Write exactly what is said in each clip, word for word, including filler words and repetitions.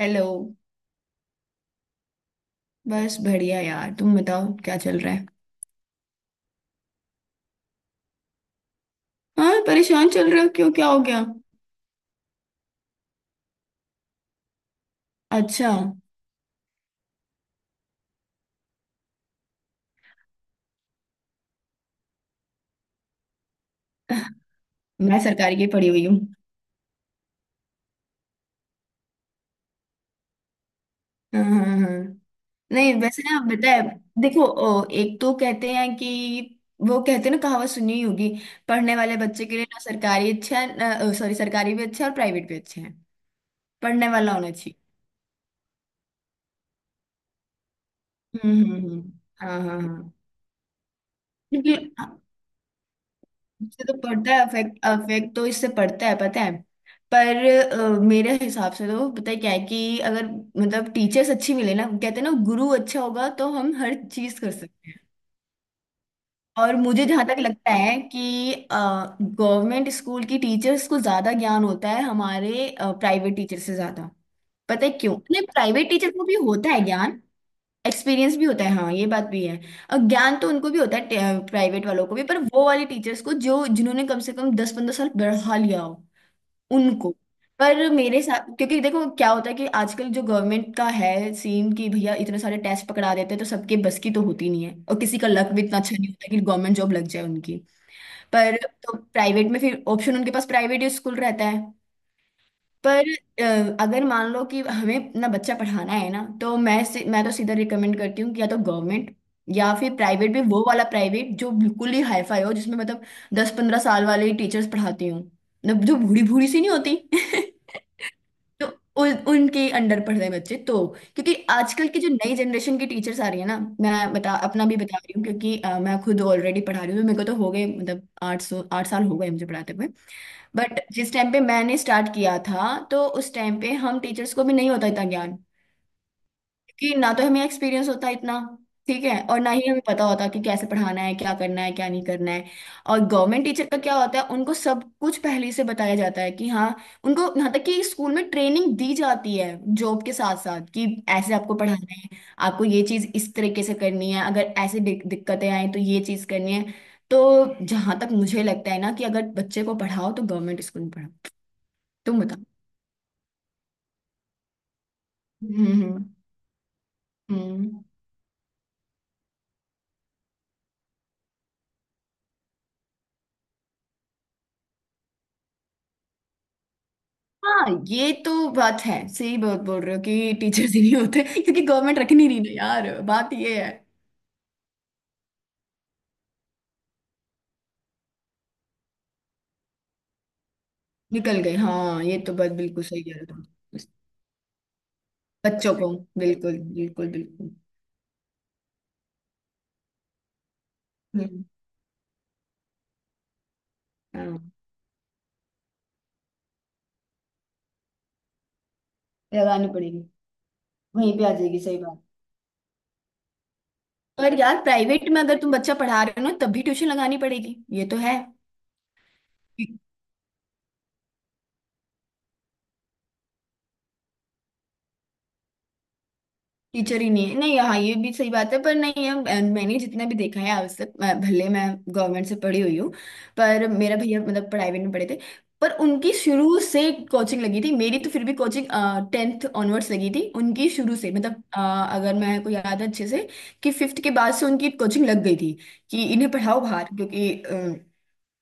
Hello. बस बढ़िया यार, तुम बताओ क्या चल रहा है? हाँ, परेशान चल रहे हो? क्यों, क्या हो गया? अच्छा। मैं सरकारी की पढ़ी हुई हूँ। हाँ हाँ हाँ हाँ। नहीं वैसे ना बताए, देखो, ओ, एक तो कहते हैं कि वो कहते हैं ना, कहावत सुनी ही होगी, पढ़ने वाले बच्चे के लिए ना सरकारी अच्छा है ना, सॉरी, सरकारी भी अच्छा है और प्राइवेट भी अच्छा है। पढ़ने वाला होना चाहिए। हम्म हम्म हम्म। हाँ हाँ हाँ। बिल्कुल। इससे तो पड़ता है, अफेक्ट, अफेक्ट तो इससे पड़ता है, पता है? पर अ, मेरे हिसाब से तो पता है क्या है कि अगर मतलब टीचर्स अच्छी मिले ना, कहते हैं ना गुरु अच्छा होगा तो हम हर चीज कर सकते हैं। और मुझे जहां तक लगता है कि गवर्नमेंट स्कूल की टीचर्स को ज्यादा ज्ञान होता है हमारे प्राइवेट टीचर से ज्यादा। पता है क्यों? नहीं, प्राइवेट टीचर को भी होता है ज्ञान, एक्सपीरियंस भी होता है, हाँ ये बात भी है। और ज्ञान तो उनको भी होता है, प्राइवेट वालों को भी, पर वो वाले टीचर्स को जो जिन्होंने कम से कम दस पंद्रह साल बढ़ा लिया हो उनको। पर मेरे साथ क्योंकि देखो क्या होता है कि आजकल जो गवर्नमेंट का है सीन कि भैया इतने सारे टेस्ट पकड़ा देते हैं तो सबके बस की तो होती नहीं है, और किसी का लक भी इतना अच्छा नहीं होता कि गवर्नमेंट जॉब लग जाए उनकी। पर तो प्राइवेट में फिर ऑप्शन उनके पास प्राइवेट स्कूल रहता है। पर अ, अगर मान लो कि हमें अपना बच्चा पढ़ाना है ना, तो मैं से, मैं तो सीधा रिकमेंड करती हूँ कि या तो गवर्नमेंट, या फिर प्राइवेट भी वो वाला प्राइवेट जो बिल्कुल ही हाईफाई हो, जिसमें मतलब दस पंद्रह साल वाले टीचर्स पढ़ाती हूँ, मतलब जो बूढ़ी बूढ़ी सी नहीं होती। तो उन उनके अंडर पढ़ रहे बच्चे तो, क्योंकि आजकल की जो नई जनरेशन की टीचर्स आ रही है ना, मैं बता अपना भी बता रही हूँ, क्योंकि अ, मैं खुद ऑलरेडी पढ़ा रही हूँ तो मेरे को तो हो गए, मतलब आठ सौ आठ साल हो गए मुझे पढ़ाते हुए। बट जिस टाइम पे मैंने स्टार्ट किया था तो उस टाइम पे हम टीचर्स को भी नहीं होता इतना ज्ञान, कि ना तो हमें एक्सपीरियंस होता इतना, ठीक है, और ना ही हमें पता होता कि कैसे पढ़ाना है, क्या करना है, क्या नहीं करना है। और गवर्नमेंट टीचर का क्या होता है, उनको सब कुछ पहले से बताया जाता है कि हाँ, उनको यहाँ तक कि स्कूल में ट्रेनिंग दी जाती है जॉब के साथ साथ, कि ऐसे आपको पढ़ाना है, आपको ये चीज इस तरीके से करनी है, अगर ऐसे दिक- दिक्कतें आए तो ये चीज करनी है। तो जहां तक मुझे लगता है ना कि अगर बच्चे को पढ़ाओ तो गवर्नमेंट स्कूल में पढ़ाओ। तुम बताओ। हम्म हम्म हम्म। हाँ ये तो बात है, सही बात बोल रहे हो कि टीचर्स ही नहीं होते, क्योंकि गवर्नमेंट रखनी नहीं ना यार, बात ये है। निकल गए, हाँ ये तो बात बिल्कुल सही कह रहे हो तुम। बच्चों को, बिल्कुल बिल्कुल बिल्कुल। हम्म। हाँ लगानी पड़ेगी। वहीं पे आ जाएगी, सही बात। पर यार, प्राइवेट में अगर तुम बच्चा पढ़ा रहे हो ना तब भी ट्यूशन लगानी पड़ेगी, ये तो है। टीचर ही नहीं है, नहीं हाँ ये भी सही बात है पर, नहीं है। अ, मैंने जितना भी देखा है आज तक, मैं- भले मैं गवर्नमेंट से पढ़ी हुई हूँ, पर मेरा भैया मतलब प्राइवेट में पढ़े थे, पर उनकी शुरू से कोचिंग लगी थी। मेरी तो फिर भी कोचिंग टेंथ ऑनवर्ड्स लगी थी, उनकी शुरू से, मतलब अ, अगर मैं को याद है अच्छे से, कि फिफ्थ के बाद से उनकी कोचिंग लग गई थी, कि इन्हें पढ़ाओ बाहर, क्योंकि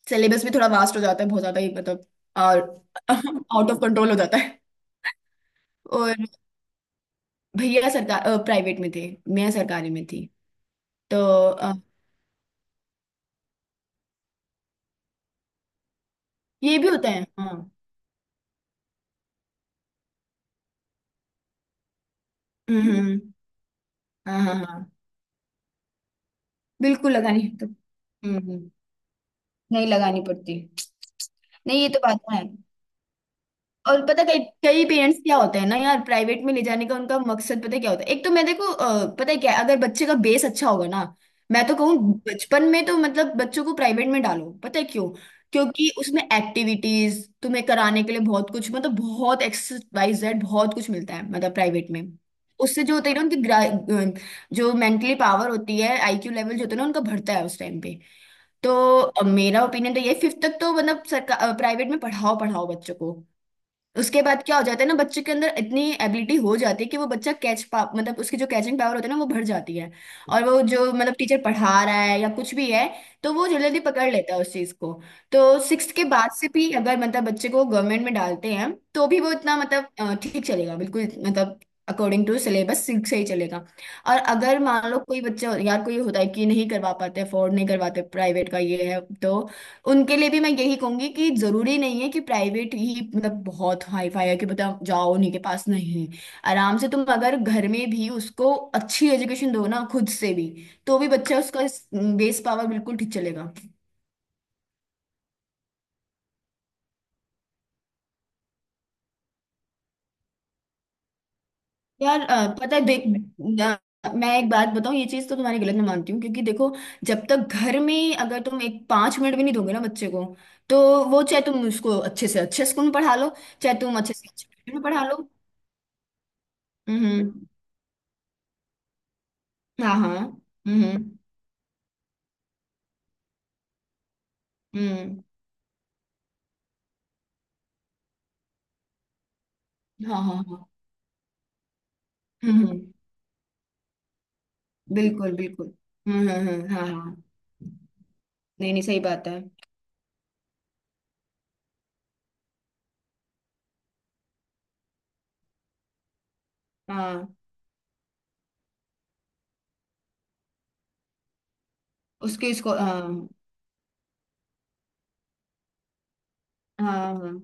सिलेबस भी थोड़ा वास्ट हो जाता है बहुत ज्यादा ही, मतलब, और आउट ऑफ कंट्रोल हो जाता है। और भैया सरकार प्राइवेट में थे, मैं सरकारी में थी। तो अ, ये भी होता है हाँ। हम्म हम्म, हम्म। हाँ हाँ हाँ, बिल्कुल लगानी है तो। हम्म हम्म, नहीं लगानी पड़ती। नहीं ये तो बात है। और पता, कई कई पेरेंट्स क्या होते हैं ना यार, प्राइवेट में ले जाने का उनका मकसद पता क्या होता है? एक तो मैं देखो, अ, पता है क्या है, अगर बच्चे का बेस अच्छा होगा ना, मैं तो कहूँ बचपन में तो मतलब बच्चों को प्राइवेट में डालो, पता है क्यों? क्योंकि उसमें एक्टिविटीज तुम्हें कराने के लिए बहुत कुछ, मतलब बहुत एक्सरसाइज जेड बहुत कुछ मिलता है, मतलब प्राइवेट में। उससे जो होता है ना उनकी ग्रा- अ, जो मेंटली पावर होती है, आईक्यू लेवल जो होता है ना उनका, बढ़ता है उस टाइम पे। तो अ, मेरा ओपिनियन तो ये, फिफ्थ तक तो मतलब सरकार प्राइवेट में पढ़ाओ पढ़ाओ बच्चों को। उसके बाद क्या हो जाता है ना, बच्चे के अंदर इतनी एबिलिटी हो जाती है कि वो बच्चा कैच पा, मतलब उसकी जो कैचिंग पावर होती है ना वो बढ़ जाती है। और वो जो मतलब टीचर पढ़ा रहा है या कुछ भी है, तो वो जल्दी जल्दी पकड़ लेता है उस चीज को। तो सिक्स्थ के बाद से भी अगर मतलब बच्चे को गवर्नमेंट में डालते हैं तो भी वो इतना मतलब अ, ठीक चलेगा बिल्कुल, मतलब अकॉर्डिंग टू सिलेबस सिक्स से ही चलेगा। और अगर मान लो कोई बच्चा, यार कोई होता है कि नहीं करवा पाते, अफोर्ड नहीं करवाते प्राइवेट का, ये है तो उनके लिए भी मैं यही कहूंगी कि जरूरी नहीं है कि प्राइवेट ही मतलब बहुत हाई फाई है कि बताओ जाओ उन्हीं के पास, नहीं। आराम से तुम अगर घर में भी उसको अच्छी एजुकेशन दो ना खुद से भी, तो भी बच्चा उसका बेस पावर बिल्कुल ठीक चलेगा। यार अ, पता है देख, अ, मैं एक बात बताऊं, ये चीज तो तुम्हारी गलत मैं मानती हूँ, क्योंकि देखो जब तक घर में अगर तुम एक पांच मिनट भी नहीं दोगे ना बच्चे को, तो वो चाहे तुम उसको अच्छे से अच्छे स्कूल में पढ़ा लो, चाहे तुम अच्छे से अच्छे स्कूल में पढ़ा लो। हम्म। हाँ हाँ। हम्म हम्म। हाँ हाँ हाँ। हम्म हम्म, बिल्कुल बिल्कुल। हम्म हम्म हम्म, हाँ हाँ। नहीं नहीं, सही बात है। हाँ, उसके इसको हाँ। हाँ हाँ।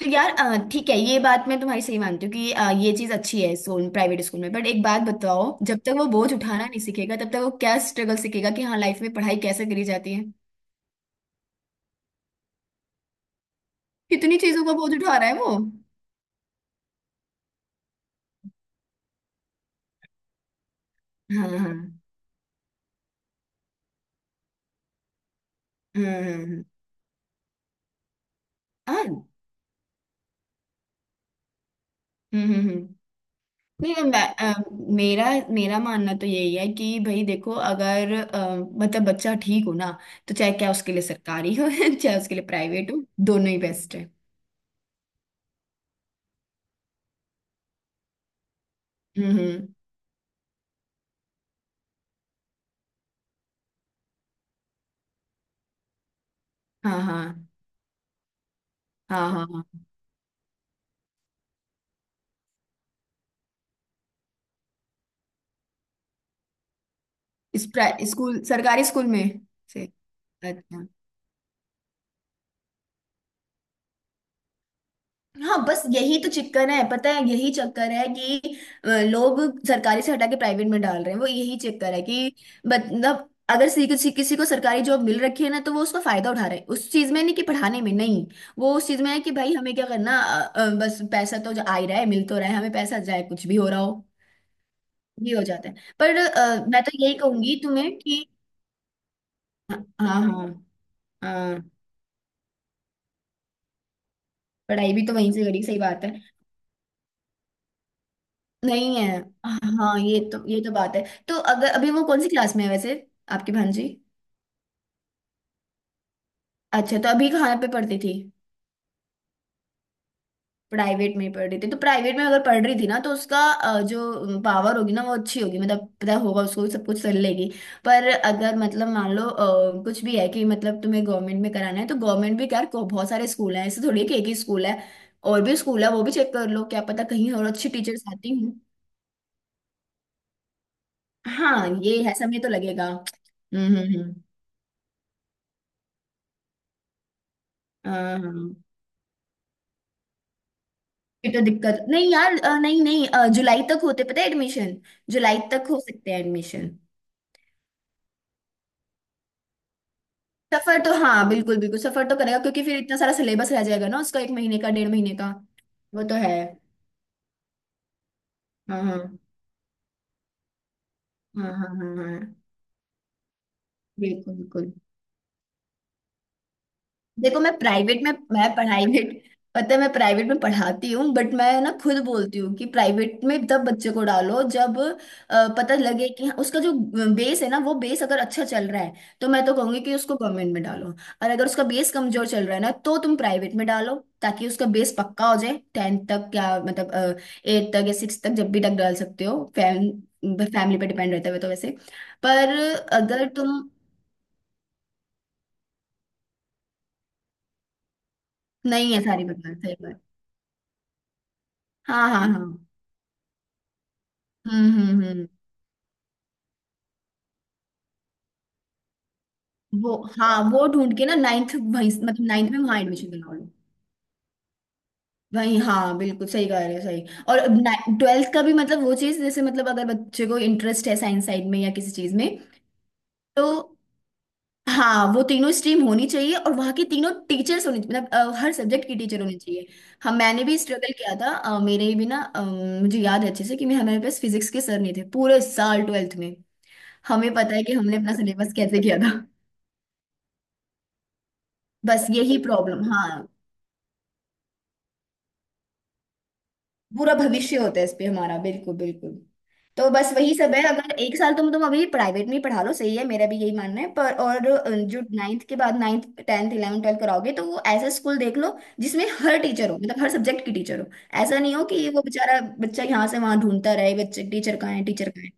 तो यार अ, ठीक है, ये बात मैं तुम्हारी सही मानती हूँ कि अ, ये चीज अच्छी है स्कूल, प्राइवेट स्कूल में। बट एक बात बताओ, जब तक वो बोझ उठाना नहीं सीखेगा तब तक वो क्या स्ट्रगल सीखेगा कि हाँ लाइफ में पढ़ाई कैसे करी जाती है। कितनी चीजों का बोझ उठा रहा है वो? हाँ हाँ। हम्म हम्म हम्म। हाँ, हम्म। हम्म हम्म। नहीं नहीं, मैं अ, मेरा, मेरा मानना तो यही है कि भाई देखो, अगर अ, मतलब बच्चा ठीक हो ना, तो चाहे क्या उसके लिए सरकारी हो चाहे उसके लिए प्राइवेट हो, दोनों ही बेस्ट है। हम्म हम्म, हाँ हाँ हाँ हाँ हाँ। इस प्राइ- स्कूल सरकारी स्कूल में से? अच्छा। हाँ बस यही तो चक्कर है, पता है यही चक्कर है, कि अ, लोग सरकारी से हटा के प्राइवेट में डाल रहे हैं, वो यही चक्कर है कि मतलब अगर सी- किसी किसी को सरकारी जॉब मिल रखी है ना तो वो उसका फायदा उठा रहे हैं उस चीज में, नहीं कि पढ़ाने में, नहीं। वो उस चीज में है कि भाई हमें क्या करना, अ, अ, बस पैसा तो जो आ ही रहा है, मिल तो रहा है, हमें पैसा, जाए कुछ भी हो रहा हो। ये हो जाता है। पर अ, मैं तो यही कहूंगी तुम्हें कि, हाँ हाँ हाँ हाँ, पढ़ाई भी तो वहीं से करी, सही बात है। नहीं है, हाँ ये तो, ये तो बात है। तो अगर अभी वो कौन सी क्लास में है वैसे, आपकी भांजी? अच्छा, तो अभी कहाँ पे पढ़ती थी? प्राइवेट में ही पढ़ रही थी? तो प्राइवेट में अगर पढ़ रही थी ना, तो उसका अ, जो पावर होगी ना वो अच्छी होगी, मतलब पता होगा उसको, सब कुछ कर लेगी। पर अगर मतलब मान लो अ, कुछ भी है कि मतलब तुम्हें गवर्नमेंट में कराना है, तो गवर्नमेंट भी यार को- बहुत सारे स्कूल हैं, ऐसे थोड़ी है कि एक ही स्कूल है। और भी स्कूल है, वो भी चेक कर लो, क्या पता कहीं और अच्छी टीचर्स आती हूँ। हाँ ये है, समय तो लगेगा। हम्म हम्म हम्म। हाँ हाँ। ये तो दिक्कत नहीं यार, अ, नहीं नहीं, अ, जुलाई तक होते पता है एडमिशन, जुलाई तक हो सकते हैं एडमिशन। सफर तो हाँ बिल्कुल बिल्कुल, सफर तो करेगा, क्योंकि फिर इतना सारा सिलेबस रह जाएगा ना उसका, एक महीने का डेढ़ महीने का। वो तो है। हाँ हाँ हाँ हाँ हाँ हाँ हाँ, हाँ, बिल्कुल बिल्कुल। देखो मैं प्राइवेट में, मैं प्राइवेट, पता है मैं प्राइवेट में पढ़ाती हूँ, बट मैं ना खुद बोलती हूँ कि प्राइवेट में तब बच्चे को डालो जब अ, पता लगे कि हाँ, उसका जो बेस है ना, वो बेस अगर अच्छा चल रहा है तो मैं तो कहूंगी कि उसको गवर्नमेंट में डालो। और अगर उसका बेस कमजोर चल रहा है ना, तो तुम प्राइवेट में डालो, ताकि उसका बेस पक्का हो जाए टेंथ तक, या मतलब एट तक या सिक्स तक, जब भी तक डाल सकते हो। फैम, फैमिली पे डिपेंड रहता है वो तो वैसे। पर अगर तुम, नहीं है सारी बात, सही बात। हाँ हाँ हाँ। हम्म हम्म हम्म। वो हाँ, वो ढूंढ के ना नाइन्थ, वहीं मतलब नाइन्थ में वहाँ एडमिशन दिला लो। वहीं हाँ, बिल्कुल सही कह रहे हो, सही। और ट्वेल्थ का भी मतलब वो चीज़ जैसे, मतलब अगर बच्चे को इंटरेस्ट है साइंस साइड में या किसी चीज़ में, तो हाँ, वो तीनों स्ट्रीम होनी चाहिए और वहाँ की तीनों टीचर्स होनी, मतलब अ, हर सब्जेक्ट की टीचर होनी चाहिए। हाँ मैंने भी स्ट्रगल किया था, अ, मेरे भी ना अ, मुझे याद है अच्छे से कि मैं, हमारे पास फिजिक्स के सर नहीं थे पूरे साल ट्वेल्थ में। हमें पता है कि हमने अपना सिलेबस कैसे किया था। बस यही प्रॉब्लम, हाँ। पूरा भविष्य होता है इस पे हमारा, बिल्कुल बिल्कुल। तो बस वही सब है, अगर एक साल तुम तुम अभी प्राइवेट में ही पढ़ा लो, सही है, मेरा भी यही मानना है। पर और अ, जो नाइन्थ के बाद, नाइन्थ टेंथ इलेवन ट्वेल्थ कराओगे, तो वो ऐसा स्कूल देख लो जिसमें हर टीचर हो, मतलब हर सब्जेक्ट की टीचर हो। ऐसा नहीं हो कि वो बेचारा बच्चा यहाँ से वहां ढूंढता रहे, बच्चे टीचर कहाँ है, टीचर कहाँ है।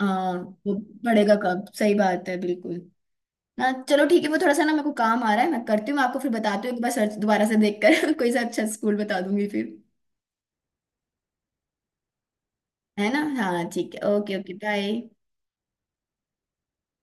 हाँ वो, पढ़ेगा कब, सही बात है बिल्कुल। ना चलो ठीक है, वो थोड़ा सा ना मेरे को काम आ रहा है, मैं करती हूँ, मैं आपको फिर बताती हूँ एक बार सर्च दोबारा से देखकर, कोई सा अच्छा स्कूल बता दूंगी फिर। है ना, हाँ ठीक है, ओके ओके, बाय।